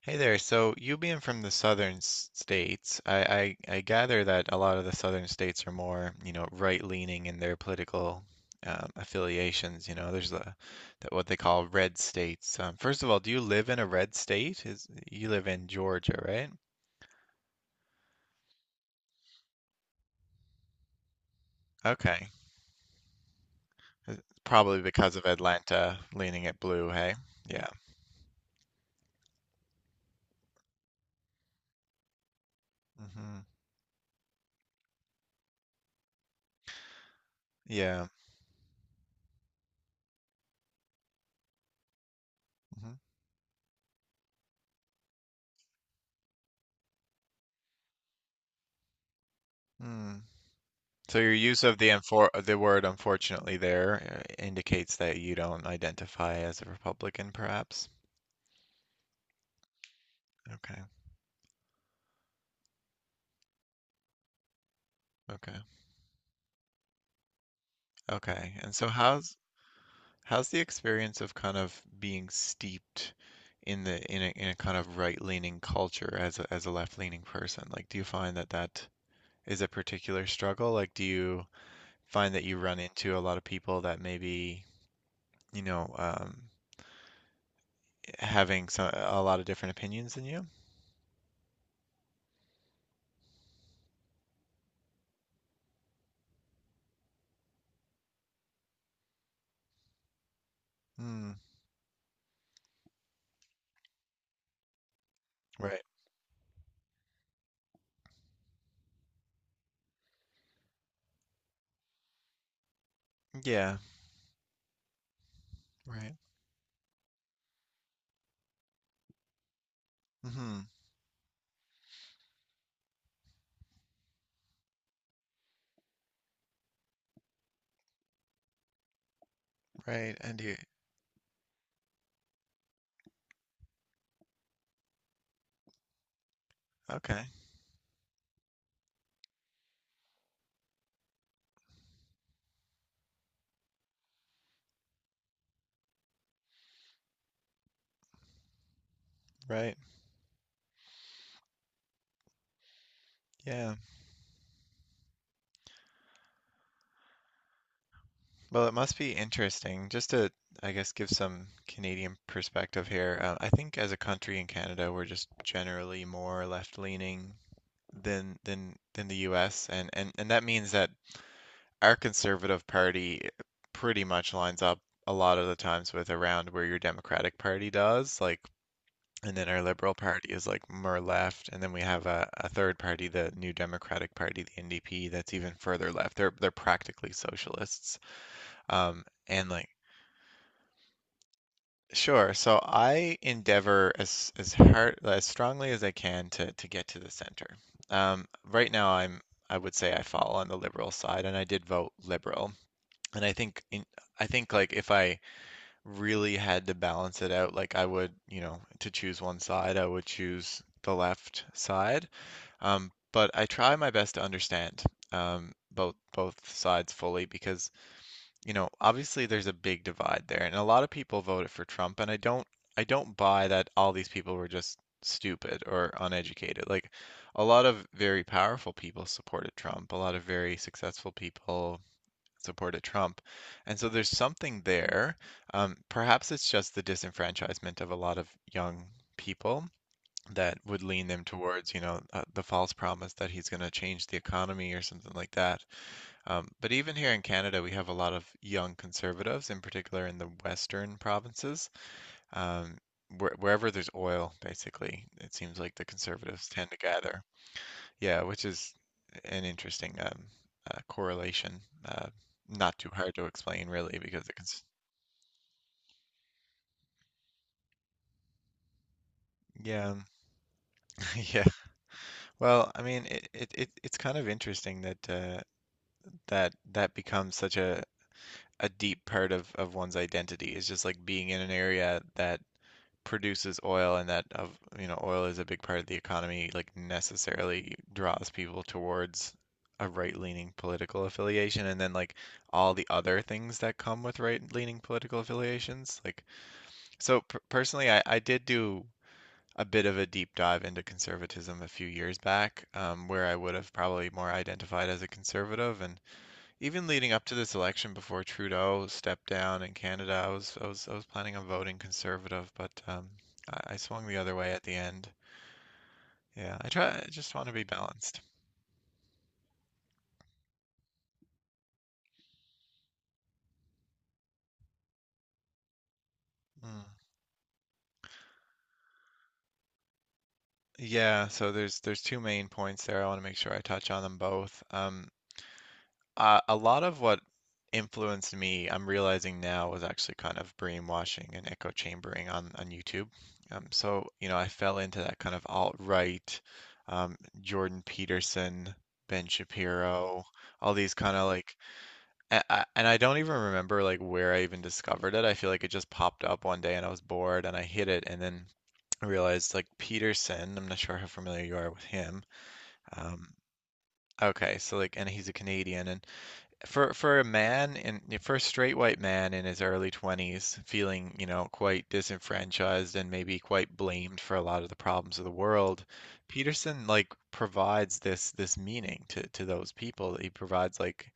Hey there. So you being from the southern states, I gather that a lot of the southern states are more, you know, right-leaning in their political affiliations. You know, there's the, that what they call red states. First of all, do you live in a red state? Is you live in Georgia, right? Okay. Uh, Probably because of Atlanta leaning it blue. Hey, yeah. hmm yeah. Mm-hmm. hmm So your use of the unfor the word unfortunately there indicates that you don't identify as a Republican, perhaps. Okay, okay, okay. And how's the experience of kind of being steeped in a kind of right-leaning culture as a left-leaning person? Like, do you find that is a particular struggle? Like, do you find that you run into a lot of people that maybe, you know, um, having some a lot of different opinions than you? Hmm. Right. Yeah. Right. hmm Right. And you, okay. Right. Yeah. Well, it must be interesting. Just to, I guess, give some Canadian perspective here. I think as a country in Canada, we're just generally more left-leaning than than the U.S., and that means that our Conservative Party pretty much lines up a lot of the times with around where your Democratic Party does. Like, and then our Liberal Party is like more left, and then we have a third party, the New Democratic Party, the NDP, that's even further left. They're practically socialists. And like, sure, so I endeavor as hard as strongly as I can to get to the center. Right now I would say I fall on the Liberal side, and I did vote Liberal. And I think like if I really had to balance it out, like I would, you know, to choose one side, I would choose the left side. But I try my best to understand both sides fully because, you know, obviously there's a big divide there, and a lot of people voted for Trump, and I don't buy that all these people were just stupid or uneducated. Like, a lot of very powerful people supported Trump, a lot of very successful people supported Trump, and so there's something there. Perhaps it's just the disenfranchisement of a lot of young people that would lean them towards, you know, the false promise that he's going to change the economy or something like that. But even here in Canada, we have a lot of young conservatives, in particular in the western provinces. Um, Wherever there's oil, basically, it seems like the conservatives tend to gather. Yeah, which is an interesting correlation. Uh, not too hard to explain, really, because it can. Yeah, yeah. Well, I mean, it's kind of interesting that that becomes such a deep part of one's identity is just like being in an area that produces oil, and that of, you know, oil is a big part of the economy, like necessarily draws people towards a right-leaning political affiliation, and then like all the other things that come with right-leaning political affiliations. Like, so personally, I did do a bit of a deep dive into conservatism a few years back, where I would have probably more identified as a conservative, and even leading up to this election before Trudeau stepped down in Canada, I was I was planning on voting conservative, but I swung the other way at the end. Yeah, I try. I just want to be balanced. Mm. Yeah, so there's two main points there. I want to make sure I touch on them both. A lot of what influenced me, I'm realizing now, was actually kind of brainwashing and echo chambering on YouTube. So you know, I fell into that kind of alt-right, Jordan Peterson, Ben Shapiro, all these kind of like, and I don't even remember like where I even discovered it. I feel like it just popped up one day and I was bored and I hit it, and then I realized like Peterson. I'm not sure how familiar you are with him. Um, okay, so like, and he's a Canadian, and for a man in for a straight white man in his early 20s, feeling, you know, quite disenfranchised and maybe quite blamed for a lot of the problems of the world. Peterson like provides this meaning to those people. He provides like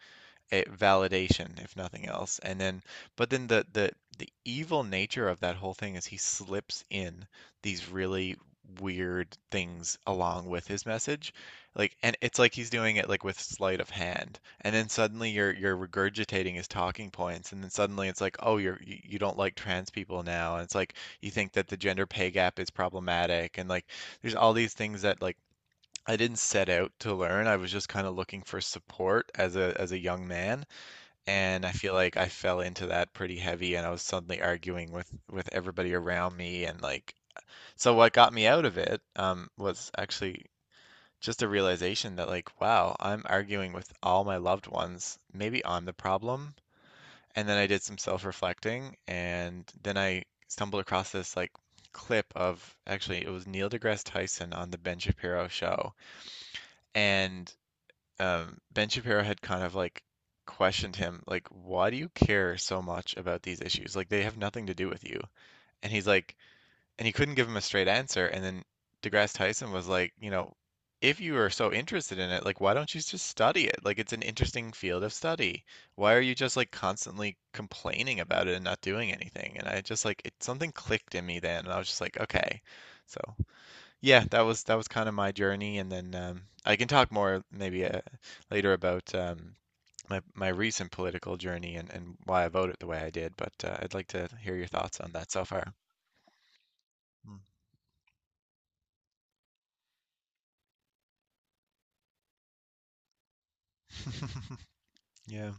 a validation, if nothing else. And then, but then the evil nature of that whole thing is he slips in these really weird things along with his message. Like, and it's like he's doing it like with sleight of hand. And then suddenly you're regurgitating his talking points, and then suddenly it's like, oh, you, you don't like trans people now, and it's like you think that the gender pay gap is problematic, and like there's all these things that like I didn't set out to learn. I was just kind of looking for support as a young man, and I feel like I fell into that pretty heavy, and I was suddenly arguing with everybody around me. And like, so what got me out of it, was actually just a realization that like, wow, I'm arguing with all my loved ones. Maybe I'm the problem. And then I did some self-reflecting, and then I stumbled across this like clip of, actually it was Neil deGrasse Tyson on the Ben Shapiro show, and Ben Shapiro had kind of like questioned him, like, why do you care so much about these issues? Like, they have nothing to do with you. And and he couldn't give him a straight answer. And then DeGrasse Tyson was like, you know, if you are so interested in it, like, why don't you just study it? Like, it's an interesting field of study. Why are you just like constantly complaining about it and not doing anything? And I just like, something clicked in me then, and I was just like, okay. So yeah, that was kind of my journey, and then I can talk more maybe later about my recent political journey and why I voted the way I did. But I'd like to hear your thoughts on that so far. Mm. Yeah,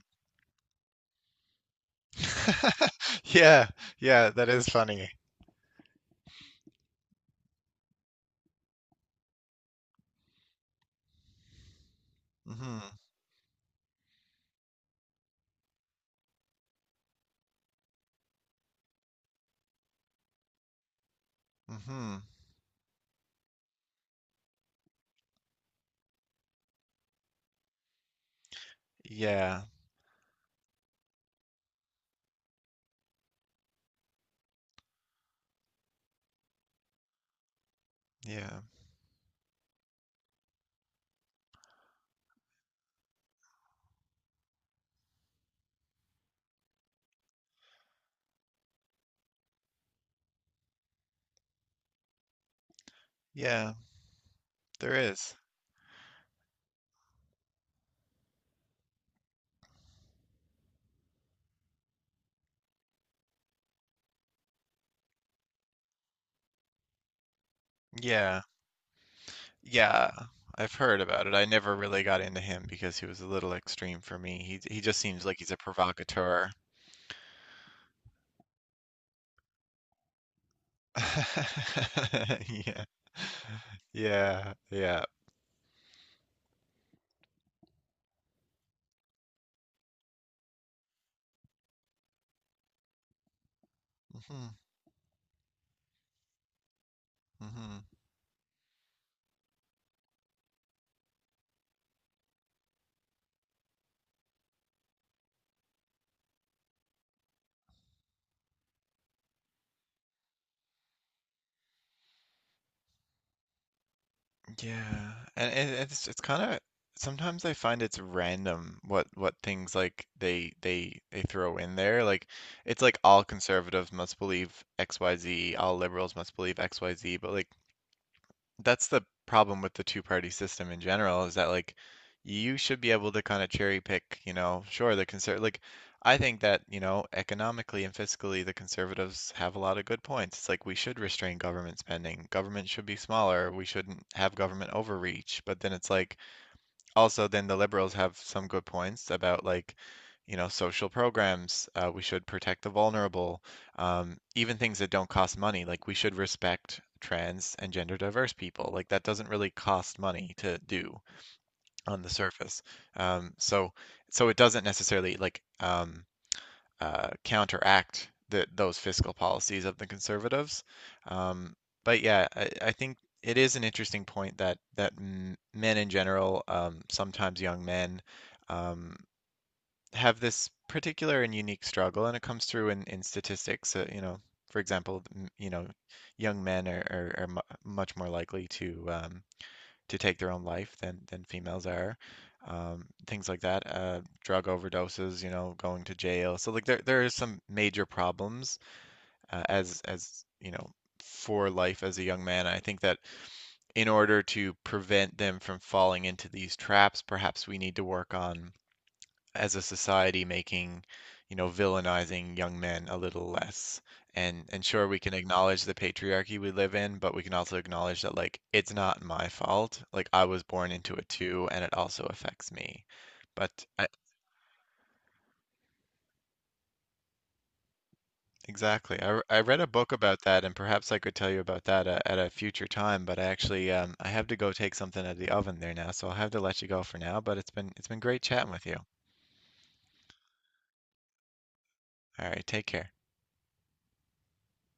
yeah, yeah. That is funny. Hmm hmm Yeah, yeah, yeah. There is. Yeah, yeah. I've heard about it. I never really got into him because he was a little extreme for me. He just seems like he's a provocateur. Yeah. Yeah, yeah. Mhm, mhm. Yeah. And it's kind of, sometimes I find it's random what things like they throw in there. Like, it's like all conservatives must believe XYZ, all liberals must believe XYZ, but like that's the problem with the two-party system in general, is that like you should be able to kind of cherry pick, you know. Sure, the conserv like, I think that, you know, economically and fiscally, the conservatives have a lot of good points. It's like, we should restrain government spending. Government should be smaller. We shouldn't have government overreach. But then it's like, also then the liberals have some good points about, like, you know, social programs. We should protect the vulnerable. Even things that don't cost money, like we should respect trans and gender diverse people, like that doesn't really cost money to do on the surface. Um, so so it doesn't necessarily like counteract those fiscal policies of the conservatives. Um, but yeah, I think it is an interesting point, that that men in general, sometimes young men, um, have this particular and unique struggle, and it comes through in statistics. You know, for example, you know, young men are much more likely to take their own life than females are. Things like that, drug overdoses, you know, going to jail. So like, there is some major problems, as you know, for life as a young man. I think that in order to prevent them from falling into these traps, perhaps we need to work on as a society making, you know, villainizing young men a little less. And sure, we can acknowledge the patriarchy we live in, but we can also acknowledge that like it's not my fault. Like, I was born into it too, and it also affects me. But I, exactly, I read a book about that, and perhaps I could tell you about that at a future time. But I actually I have to go take something out of the oven there now, so I'll have to let you go for now. But it's been great chatting with you. All right, take care.